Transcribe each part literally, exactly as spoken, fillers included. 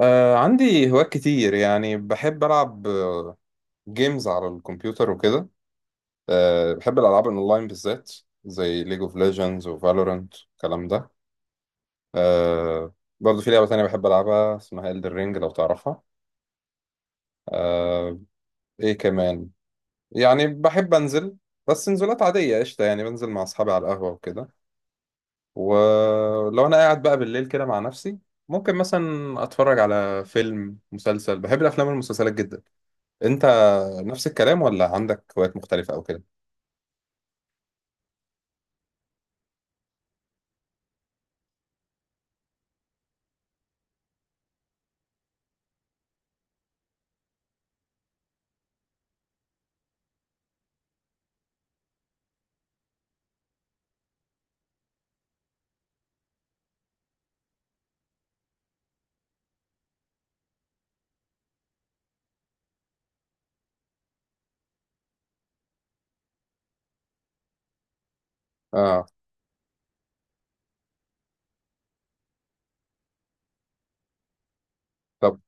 آه عندي هوايات كتير يعني بحب ألعب آه، جيمز على الكمبيوتر وكده. آه بحب الألعاب الأونلاين بالذات، زي ليج اوف ليجندز وفالورانت الكلام ده. آه برضه في لعبة تانية بحب ألعبها اسمها إلدر رينج، لو تعرفها. آه، إيه كمان؟ يعني بحب أنزل، بس نزولات عادية قشطة، يعني بنزل مع أصحابي على القهوة وكده. ولو أنا قاعد بقى بالليل كده مع نفسي، ممكن مثلا أتفرج على فيلم مسلسل، بحب الأفلام والمسلسلات جدا. انت؟ طب نفس الكلام ولا عندك هوايات مختلفة أو كده؟ آه. طب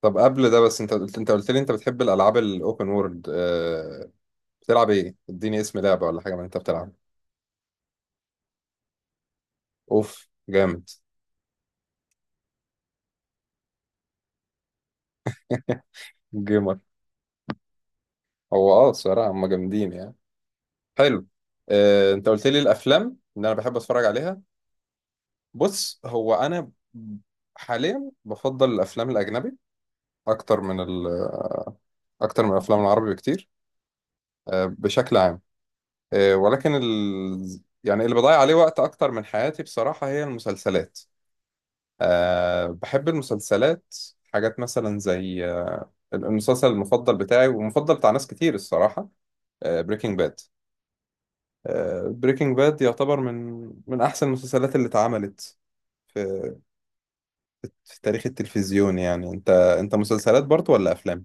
طب قبل ده بس، أنت قلت أنت قلت لي أنت بتحب الألعاب الأوبن وورلد، آه بتلعب إيه؟ إديني اسم لعبة ولا حاجة من اللي أنت بتلعب. أوف جامد. جيمر. هو أه الصراحة هما جامدين يعني. حلو. آه، أنت قلت لي الأفلام اللي أنا بحب أتفرج عليها. بص، هو أنا حاليا بفضل الأفلام الأجنبي أكتر من ال أكتر من الأفلام العربي بكتير. آه بشكل عام. آه، ولكن ال... يعني اللي بضيع عليه وقت اكتر من حياتي بصراحة هي المسلسلات. أه بحب المسلسلات. حاجات مثلا زي آه، المسلسل المفضل بتاعي والمفضل بتاع ناس كتير الصراحة، بريكنج باد. بريكنج باد يعتبر من من احسن المسلسلات اللي اتعملت في في تاريخ التلفزيون يعني. انت انت مسلسلات برضو ولا افلام؟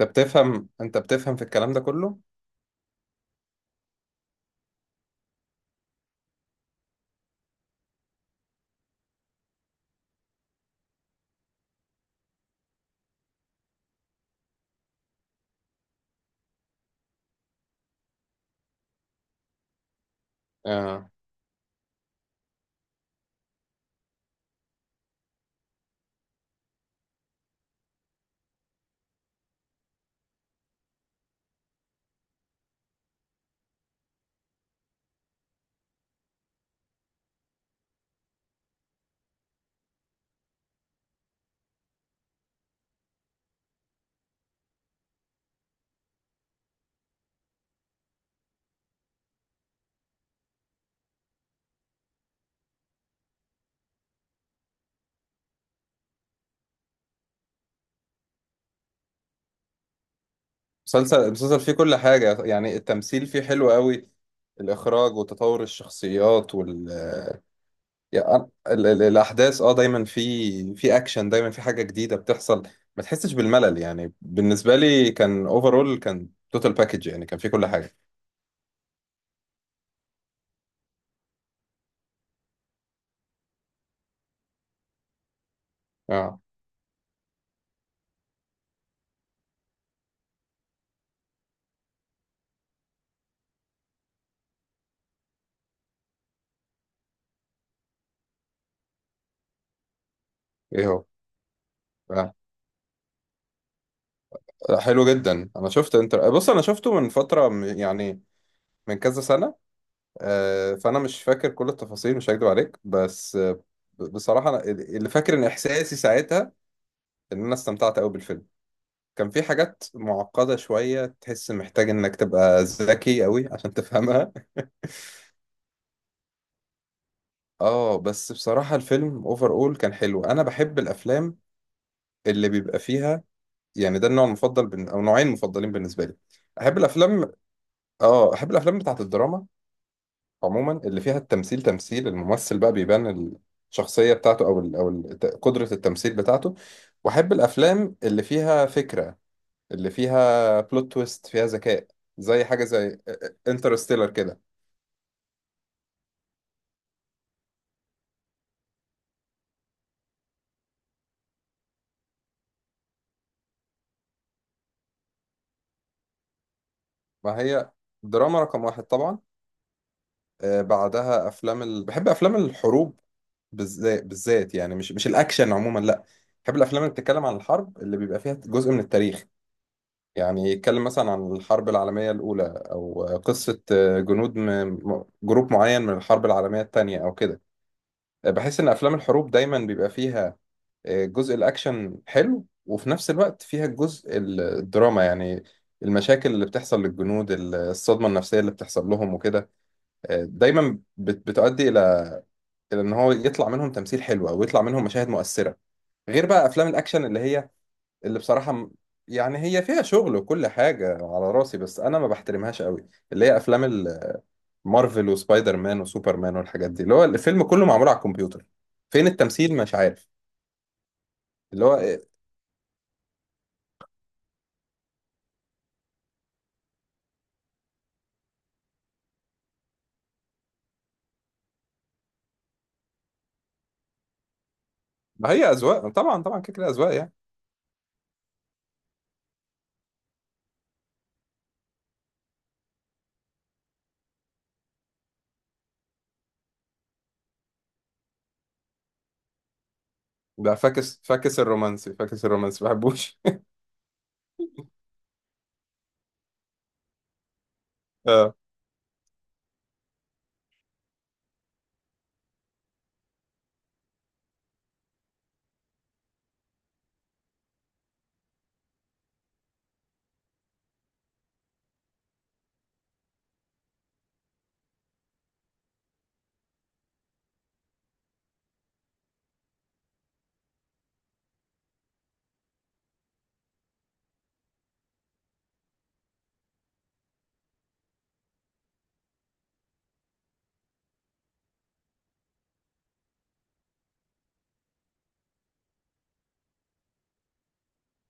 انت بتفهم انت بتفهم في الكلام ده كله؟ آه. مسلسل، المسلسل فيه كل حاجة يعني، التمثيل فيه حلو قوي، الإخراج وتطور الشخصيات وال... يعني ال... ال... الأحداث، اه، دايما في في أكشن، دايما في حاجة جديدة بتحصل، ما تحسش بالملل يعني، بالنسبة لي كان اوفرول، كان توتال باكج يعني، كان فيه كل حاجة. اه، ايه هو؟ آه. حلو جدا. انا شفت انت بص، انا شفته من فترة، م- يعني من كذا سنة. آه، فانا مش فاكر كل التفاصيل، مش هكدب عليك، بس آه، ب- بصراحة أنا اللي فاكر ان احساسي ساعتها ان انا استمتعت قوي بالفيلم. كان في حاجات معقدة شوية، تحس محتاج انك تبقى ذكي قوي عشان تفهمها. اه، بس بصراحة الفيلم اوفر اول كان حلو. انا بحب الافلام اللي بيبقى فيها يعني، ده النوع المفضل بن... او نوعين مفضلين بالنسبة لي. احب الافلام، اه احب الافلام بتاعت الدراما عموما، اللي فيها التمثيل، تمثيل الممثل بقى بيبان الشخصية بتاعته، او ال... او ال- قدرة التمثيل بتاعته. واحب الافلام اللي فيها فكرة، اللي فيها بلوت تويست، فيها ذكاء، زي حاجة زي انترستيلر كده. ما هي دراما رقم واحد طبعا. آه، بعدها أفلام ال... بحب أفلام الحروب، بالذات بالذات يعني، مش مش الأكشن عموما لا. بحب الأفلام اللي بتتكلم عن الحرب، اللي بيبقى فيها جزء من التاريخ، يعني يتكلم مثلا عن الحرب العالمية الأولى، أو قصة آه، جنود، م... م- جروب معين من الحرب العالمية التانية أو كده. آه، بحس إن أفلام الحروب دايما بيبقى فيها آه، جزء الأكشن حلو، وفي نفس الوقت فيها الجزء ال- الدراما، يعني المشاكل اللي بتحصل للجنود، ال- الصدمة النفسية اللي بتحصل لهم وكده. آه، دايما بت- بتؤدي إلى إلى إن هو يطلع منهم تمثيل حلو، أو يطلع منهم مشاهد مؤثرة. غير بقى أفلام الأكشن اللي هي اللي بصراحة م- يعني هي فيها شغل وكل حاجة على راسي، بس أنا ما بحترمهاش قوي، اللي هي أفلام ال- مارفل وسبايدر مان وسوبر مان والحاجات دي، اللي هو الفيلم كله معمول على الكمبيوتر. فين التمثيل؟ مش عارف. اللي هو، ما هي اذواق طبعا، طبعا كده كده اذواق يعني. ده فاكس فاكس الرومانسي، فاكس الرومانسي ما بحبوش. آه،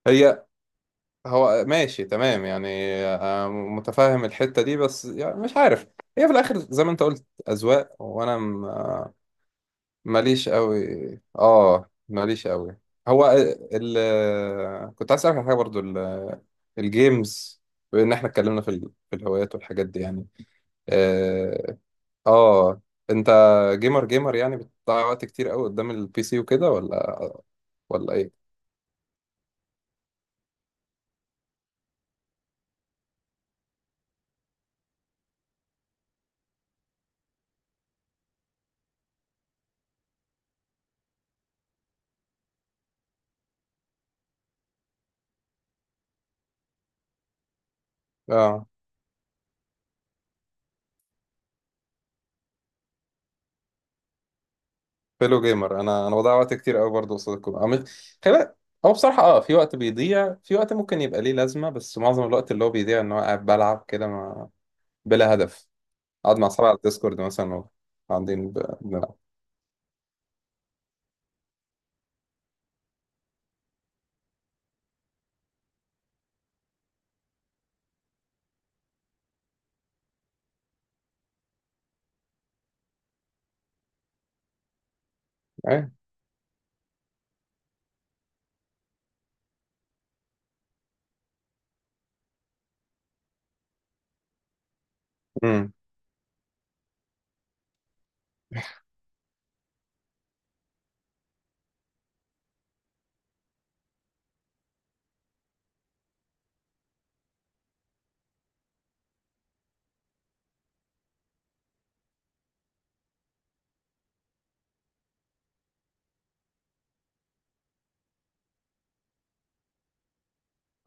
هي هو ماشي تمام يعني، آه، متفاهم الحتة دي بس يعني مش عارف. هي في الاخر زي ما انت قلت اذواق، وانا م- آه، ماليش قوي، اه ماليش قوي. هو ال ال- كنت عايز اسالك على حاجه برضو، ال- الجيمز. بما ان احنا اتكلمنا في ال- في الهوايات والحاجات دي يعني. آه، اه، انت جيمر جيمر يعني، بتضيع وقت كتير قوي قدام البي سي وكده، ولا ولا ايه؟ اه، فيلو جيمر. انا انا بضيع وقت كتير قوي برضه قصاد الكمبيوتر، عامل، خلي بالك. هو بصراحه اه، في وقت بيضيع، في وقت ممكن يبقى ليه لازمه، بس معظم الوقت اللي هو بيضيع ان هو قاعد بلعب كده، ما... بلا هدف، قاعد مع اصحابي على الديسكورد مثلا و- قاعدين ب... بنلعب. ايه. امم.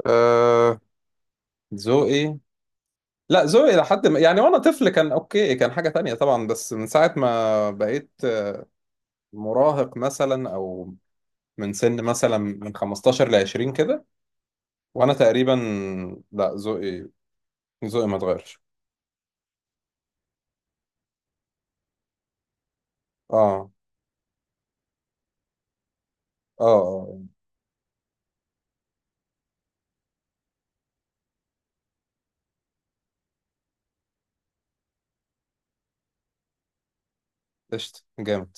آه... ذوقي، لا، ذوقي لحد ما، يعني وانا طفل كان اوكي، كان حاجه تانية طبعا، بس من ساعه ما بقيت مراهق مثلا او من سن مثلا من خمستاشر ل عشرين كده، وانا تقريبا، لا ذوقي، ذوقي ما اتغيرش. اه اه اه، قشطة جامد.